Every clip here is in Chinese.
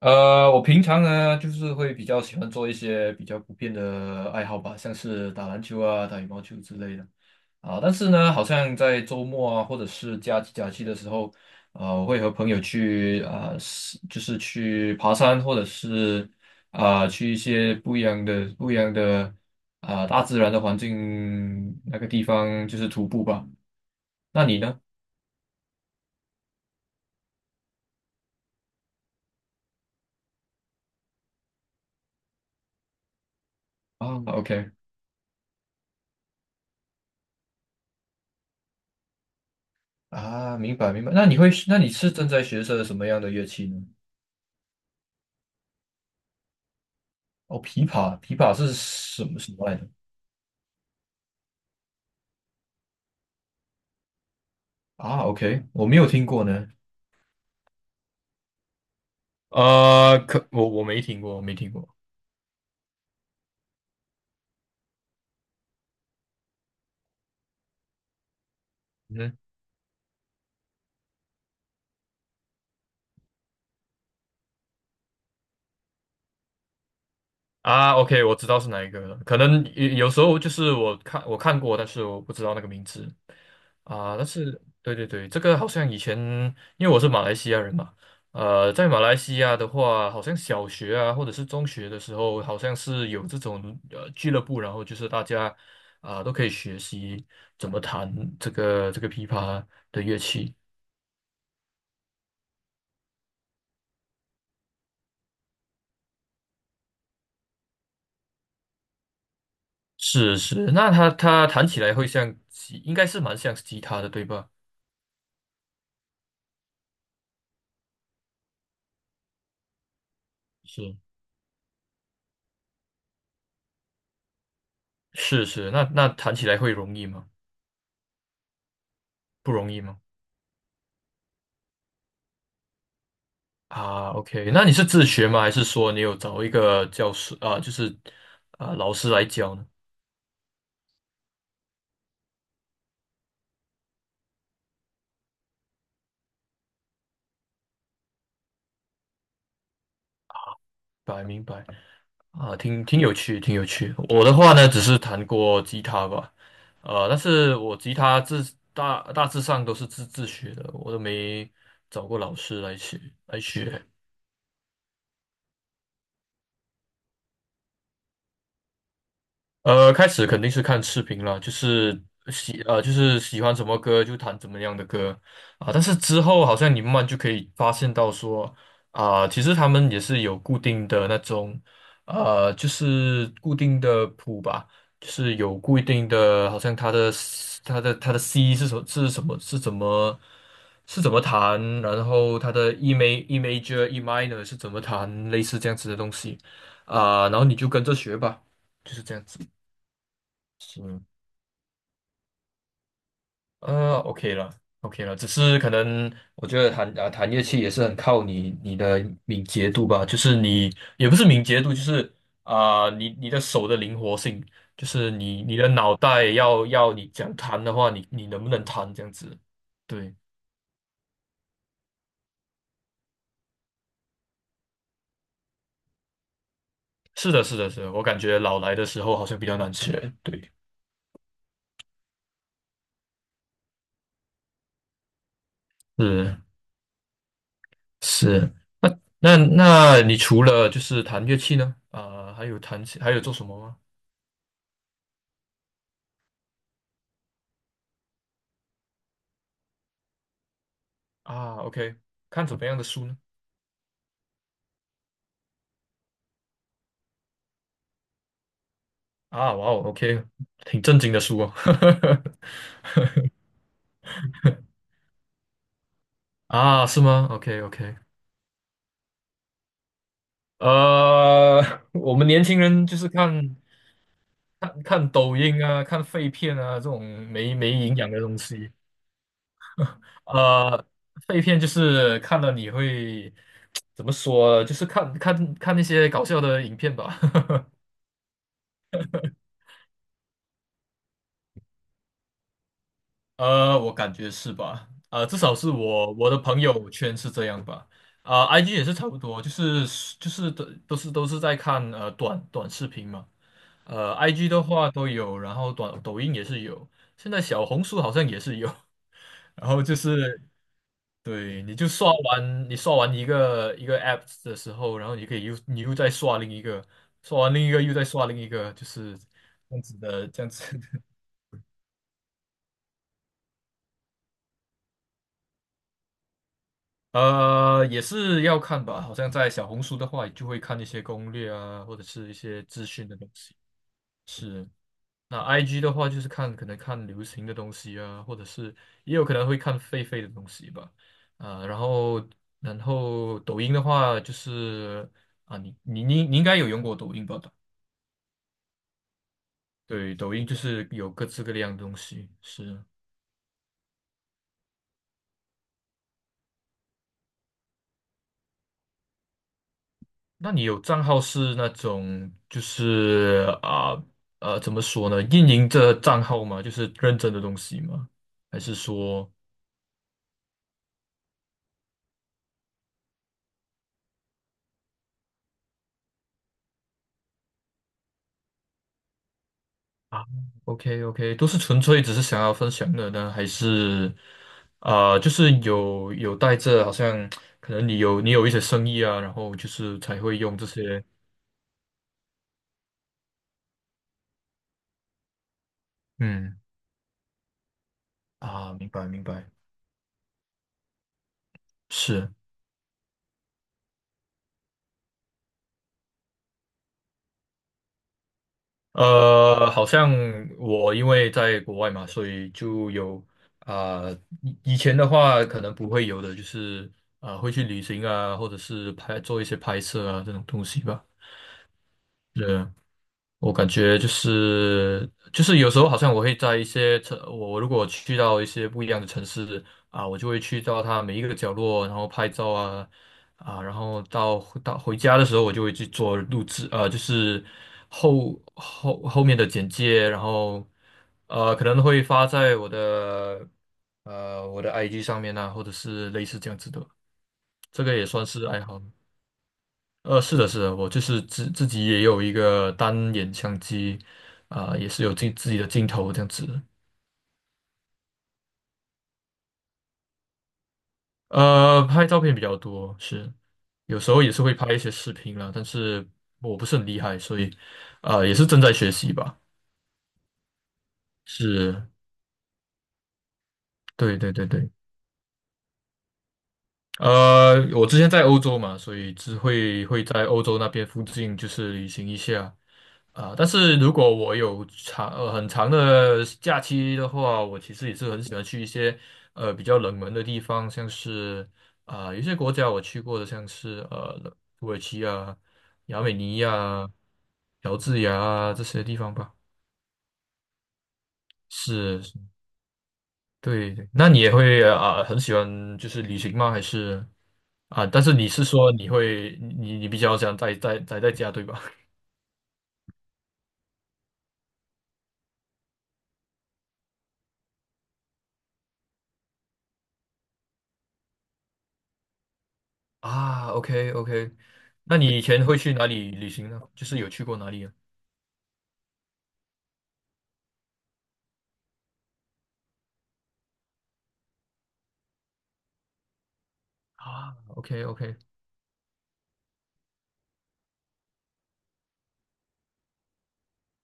我平常呢，就是会比较喜欢做一些比较普遍的爱好吧，像是打篮球啊、打羽毛球之类的啊。但是呢，好像在周末啊，或者是假期的时候，我会和朋友去就是去爬山，或者是去一些不一样的大自然的环境那个地方，就是徒步吧。那你呢？啊，OK。 啊，明白明白。那你是正在学着什么样的乐器呢？哦，琵琶，琵琶是什么什么来着？啊，OK，我没有听过呢。可我没听过，我没听过。啊，OK，我知道是哪一个了。可能有时候就是我看过，但是我不知道那个名字啊。但是对对对，这个好像以前因为我是马来西亚人嘛。在马来西亚的话，好像小学啊或者是中学的时候，好像是有这种俱乐部，然后就是大家都可以学习怎么弹这个琵琶的乐器。是是，那它弹起来会应该是蛮像吉他的，对吧？是。是是，那弹起来会容易吗？不容易吗？啊，OK，那你是自学吗？还是说你有找一个教师啊，就是老师来教呢？明白明白。啊，挺有趣，挺有趣。我的话呢，只是弹过吉他吧。但是我吉他大致上都是自学的，我都没找过老师来学。开始肯定是看视频了，就是就是喜欢什么歌就弹怎么样的歌啊。但是之后好像你慢慢就可以发现到说啊，其实他们也是有固定的那种就是固定的谱吧，就是有固定的，好像它的 它的 C 是什么是怎么弹，然后它的 E major E minor 是怎么弹，类似这样子的东西啊，然后你就跟着学吧，就是这样子。是。OK 了，OK 了，只是可能我觉得弹乐器也是很靠你的敏捷度吧，就是你也不是敏捷度，就是你的手的灵活性，就是你的脑袋要你讲弹的话，你能不能弹这样子？对，是的，是的，是的，我感觉老来的时候好像比较难学，对，是是，那那那你除了就是弹乐器呢，还有还有做什么吗？啊，OK，看怎么样的书呢？啊，哇哦，OK，挺正经的书哦。啊，是吗？OK OK。呃，我们年轻人就是看抖音啊，看废片啊，这种没营养的东西。呃，废片就是看了你会 怎么说？就是看那些搞笑的影片吧。我感觉是吧？至少是我的朋友圈是这样吧。IG 也是差不多，就是都是在看短视频嘛。IG 的话都有，然后抖音也是有，现在小红书好像也是有。然后就是，对，你就刷完一个一个 app 的时候，然后你可以又再刷另一个，刷完另一个又再刷另一个，就是这样子的，这样子。也是要看吧，好像在小红书的话，就会看一些攻略啊，或者是一些资讯的东西。是。那 IG 的话，就是可能看流行的东西啊，或者是也有可能会看狒狒的东西吧。啊、然后然后抖音的话，就是你应该有用过抖音吧？对，抖音就是有各式各样的东西。是。那你有账号是那种就是怎么说呢？运营这账号吗？就是认真的东西吗？还是说啊，OK OK。都是纯粹只是想要分享的呢？还是就是有带着好像可能你有一些生意啊，然后就是才会用这些嗯明白明白，是。好像我因为在国外嘛，所以就有啊、以前的话可能不会有的，就是会去旅行啊，或者是做一些拍摄啊这种东西吧。对，我感觉就是有时候好像我会在一些城，我如果去到一些不一样的城市，我就会去到它每一个角落，然后拍照啊，然后到回家的时候，我就会去做录制。就是后面的简介，然后可能会发在我的 IG 上面啊，或者是类似这样子的，这个也算是爱好。是的，是的，我就是自己也有一个单眼相机，也是有自己的镜头这样子。拍照片比较多。是，有时候也是会拍一些视频啦，但是我不是很厉害，所以，也是正在学习吧。是，对对对对。我之前在欧洲嘛，所以只会在欧洲那边附近就是旅行一下。啊，但是如果我有很长的假期的话，我其实也是很喜欢去一些比较冷门的地方，像是有些国家我去过的，像是土耳其啊、亚美尼亚、乔治亚啊这些地方吧。是，是对对。那你也会很喜欢就是旅行吗？还是但是你是说你会你你比较想待在家对吧？啊，OK OK。那你以前会去哪里旅行呢？就是有去过哪里啊？啊，OK OK。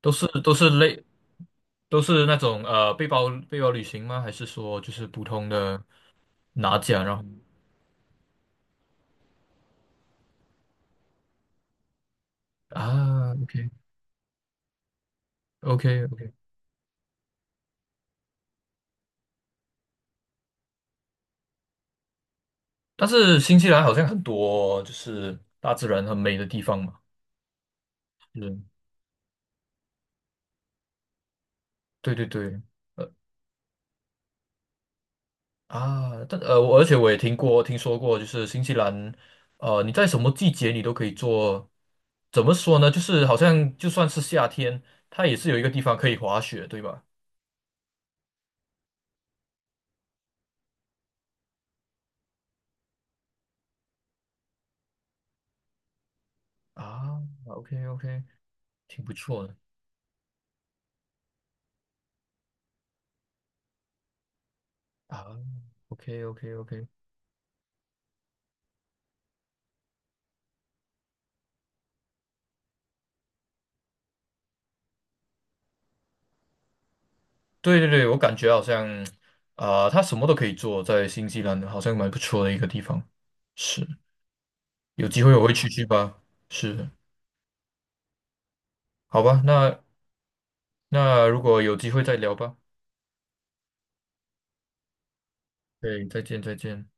都是都是类都是那种背包旅行吗？还是说就是普通的拿奖然后OK OK OK。但是新西兰好像很多就是大自然很美的地方嘛。嗯，对对对。而且我也听过、听说过，就是新西兰。你在什么季节你都可以做，怎么说呢？就是好像就算是夏天，它也是有一个地方可以滑雪，对吧？啊，OK OK，挺不错的。啊，OK OK OK。对对对，我感觉好像它什么都可以做，在新西兰好像蛮不错的一个地方。是，有机会我会去去吧。是，好吧。那如果有机会再聊吧。对，再见再见。